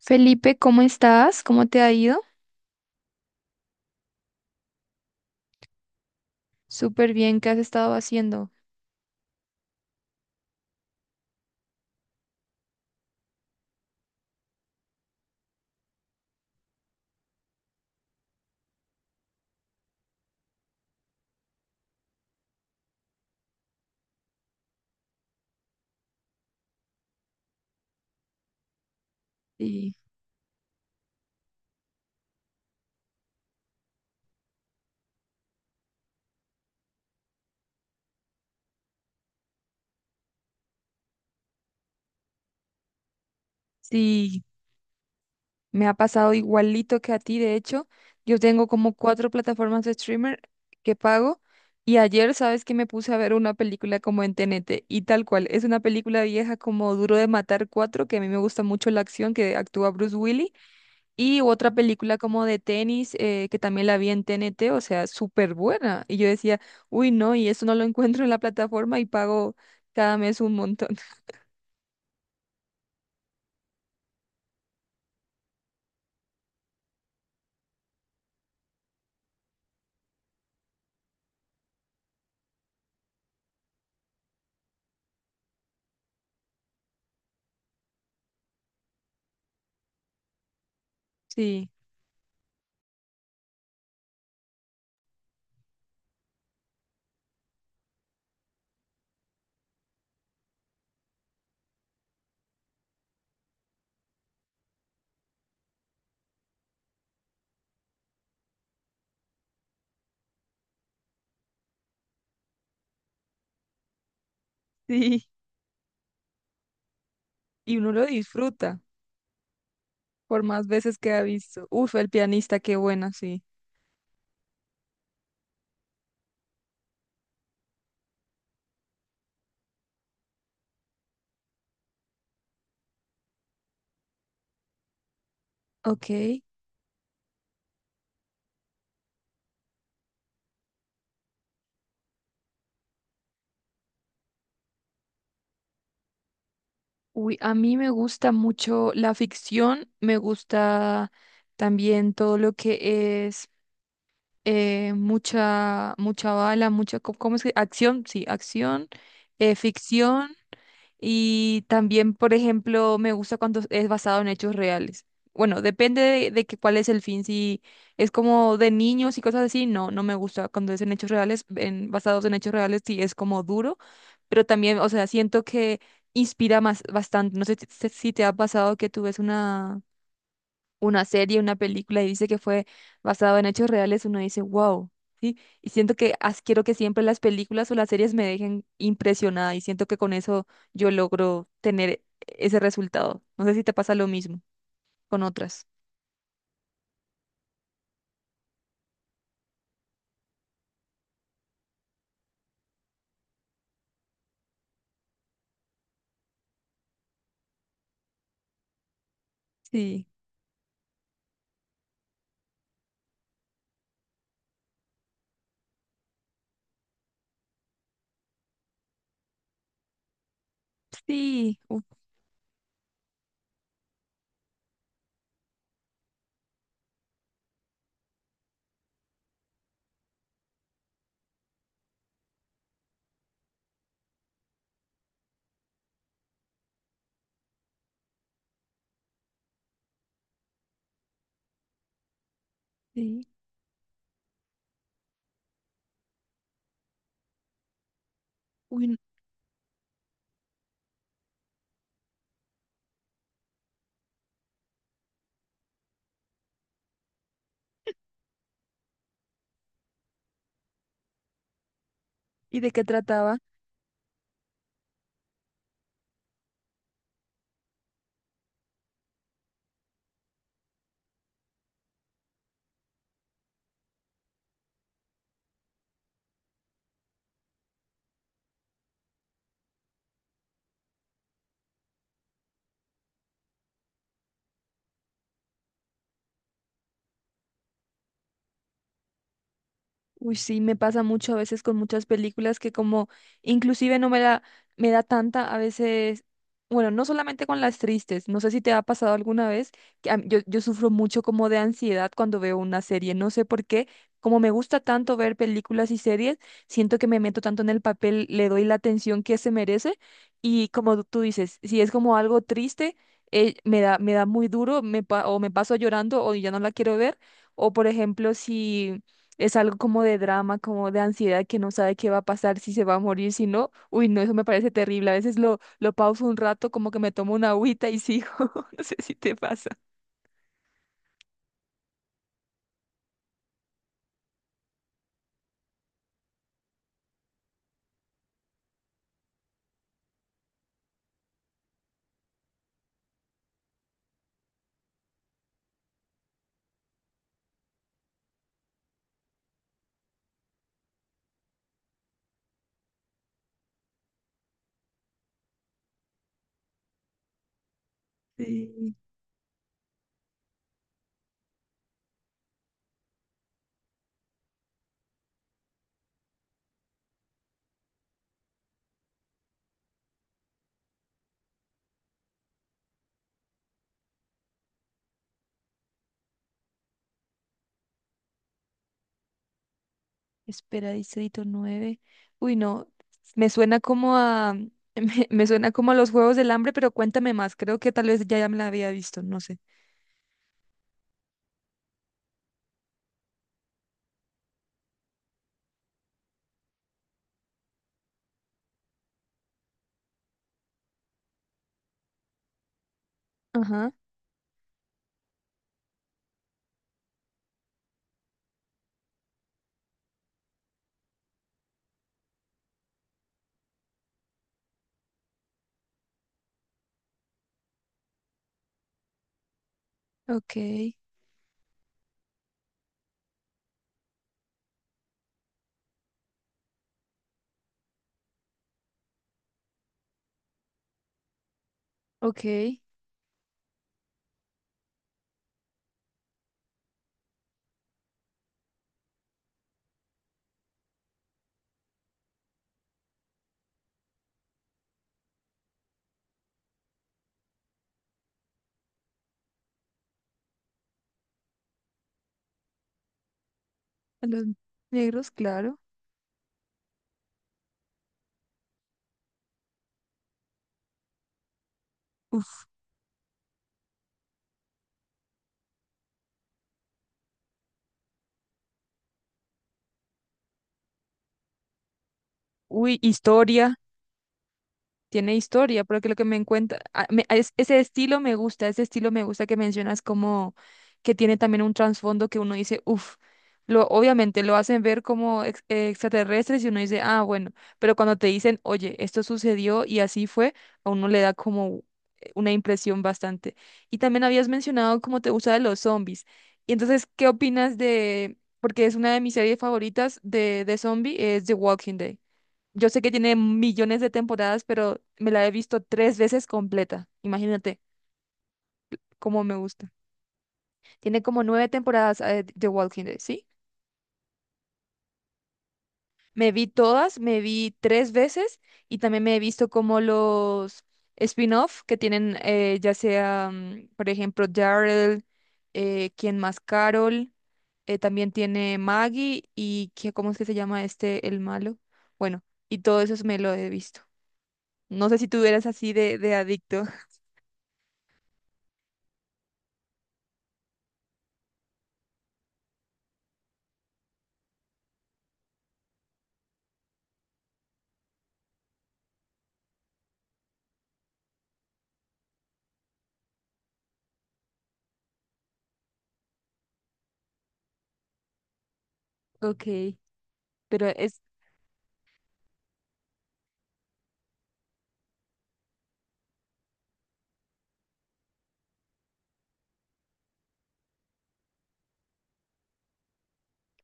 Felipe, ¿cómo estás? ¿Cómo te ha ido? Súper bien, ¿qué has estado haciendo? Sí, sí, me ha pasado igualito que a ti, de hecho. Yo tengo como cuatro plataformas de streamer que pago y ayer, ¿sabes que me puse a ver una película como en TNT? Y tal cual. Es una película vieja como Duro de Matar cuatro, que a mí me gusta mucho la acción que actúa Bruce Willis. Y otra película como de tenis, que también la vi en T N T, o sea, súper buena. Y yo decía, uy, no, y eso no lo encuentro en la plataforma y pago cada mes un montón. Sí, sí. Y uno lo disfruta por más veces que ha visto. Uf, el pianista, qué buena, sí. Ok. Uy, a mí me gusta mucho la ficción, me gusta también todo lo que es, mucha bala, ¿cómo es que? Acción, sí, acción, ficción. Y también, por ejemplo, me gusta cuando es basado en hechos reales. Bueno, depende de que cuál es el fin. Si es como de niños y cosas así, no, no me gusta cuando es en hechos reales, en, basados en hechos reales, sí es como duro, pero también, o sea, siento que inspira más bastante. No sé si te ha pasado que tú ves una serie, una película y dice que fue basado en hechos reales, uno dice, wow, ¿sí? Y siento que quiero que siempre las películas o las series me dejen impresionada y siento que con eso yo logro tener ese resultado. No sé si te pasa lo mismo con otras. Sí, sí, uf, sí. Uy, ¿y de qué trataba? Uy, sí, me pasa mucho a veces con muchas películas que como inclusive no me da, me da tanta a veces, bueno, no solamente con las tristes, no sé si te ha pasado alguna vez, que yo sufro mucho como de ansiedad cuando veo una serie, no sé por qué, como me gusta tanto ver películas y series, siento que me meto tanto en el papel, le doy la atención que se merece y como tú dices, si es como algo triste, me da muy duro, o me paso llorando o ya no la quiero ver, o por ejemplo si... Es algo como de drama, como de ansiedad que no sabe qué va a pasar, si se va a morir, si no. Uy, no, eso me parece terrible. A veces lo pauso un rato, como que me tomo una agüita y sigo. No sé si te pasa. Sí. Espera, Distrito nueve. Uy, no, me suena como a, me suena como a los Juegos del Hambre, pero cuéntame más. Creo que tal vez ya, ya me la había visto, no sé. Ajá, ok, ok. A los negros, claro. Uf, uy, historia. Tiene historia, porque lo que me encuentra, ese estilo me gusta, ese estilo me gusta que mencionas, como que tiene también un trasfondo que uno dice, uff, lo, obviamente lo hacen ver como extraterrestres y uno dice, ah, bueno, pero cuando te dicen, oye, esto sucedió y así fue, a uno le da como, una impresión bastante. Y también habías mencionado cómo te gusta de los zombies. Y entonces, ¿qué opinas de, porque es una de mis series favoritas de zombie, es The Walking Dead? Yo sé que tiene millones de temporadas, pero me la he visto tres veces completa. Imagínate cómo me gusta. Tiene como nueve temporadas, de Walking Dead, ¿sí? Me vi todas, me vi tres veces y también me he visto como los spin-off que tienen, ya sea, por ejemplo, Daryl, ¿quién más? Carol, también tiene Maggie ¿cómo es que se llama este, el malo? Bueno, y todo eso me lo he visto. No sé si tú eras así de adicto. Ok. Pero es,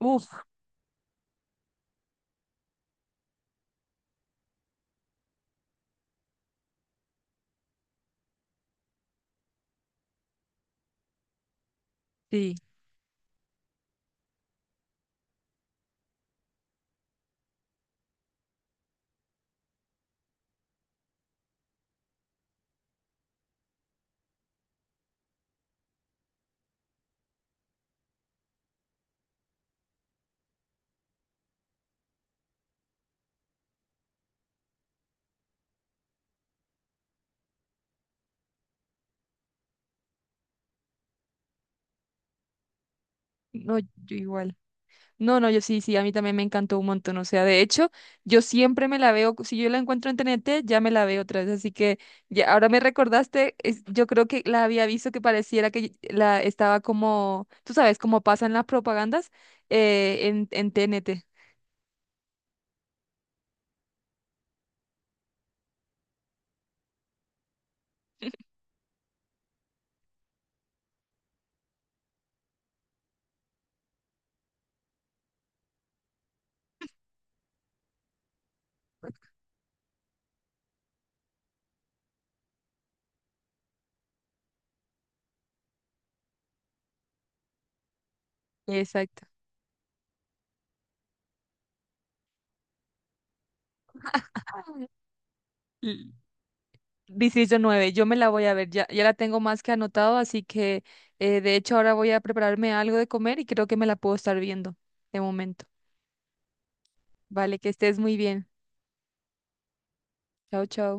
uff, sí, no, yo igual. No, no, yo sí, sí, a mí también me encantó un montón. O sea, de hecho, yo siempre me la veo, si yo la encuentro en T N T ya me la veo otra vez. Así que ya, ahora me recordaste, yo creo que la había visto, que pareciera que la estaba como, tú sabes, como pasan las propagandas, en T N T. Exacto. L- Distrito nueve yo me la voy a ver, ya, ya la tengo más que anotado, así que, de hecho ahora voy a prepararme algo de comer y creo que me la puedo estar viendo de momento. Vale, que estés muy bien. Chao, chao.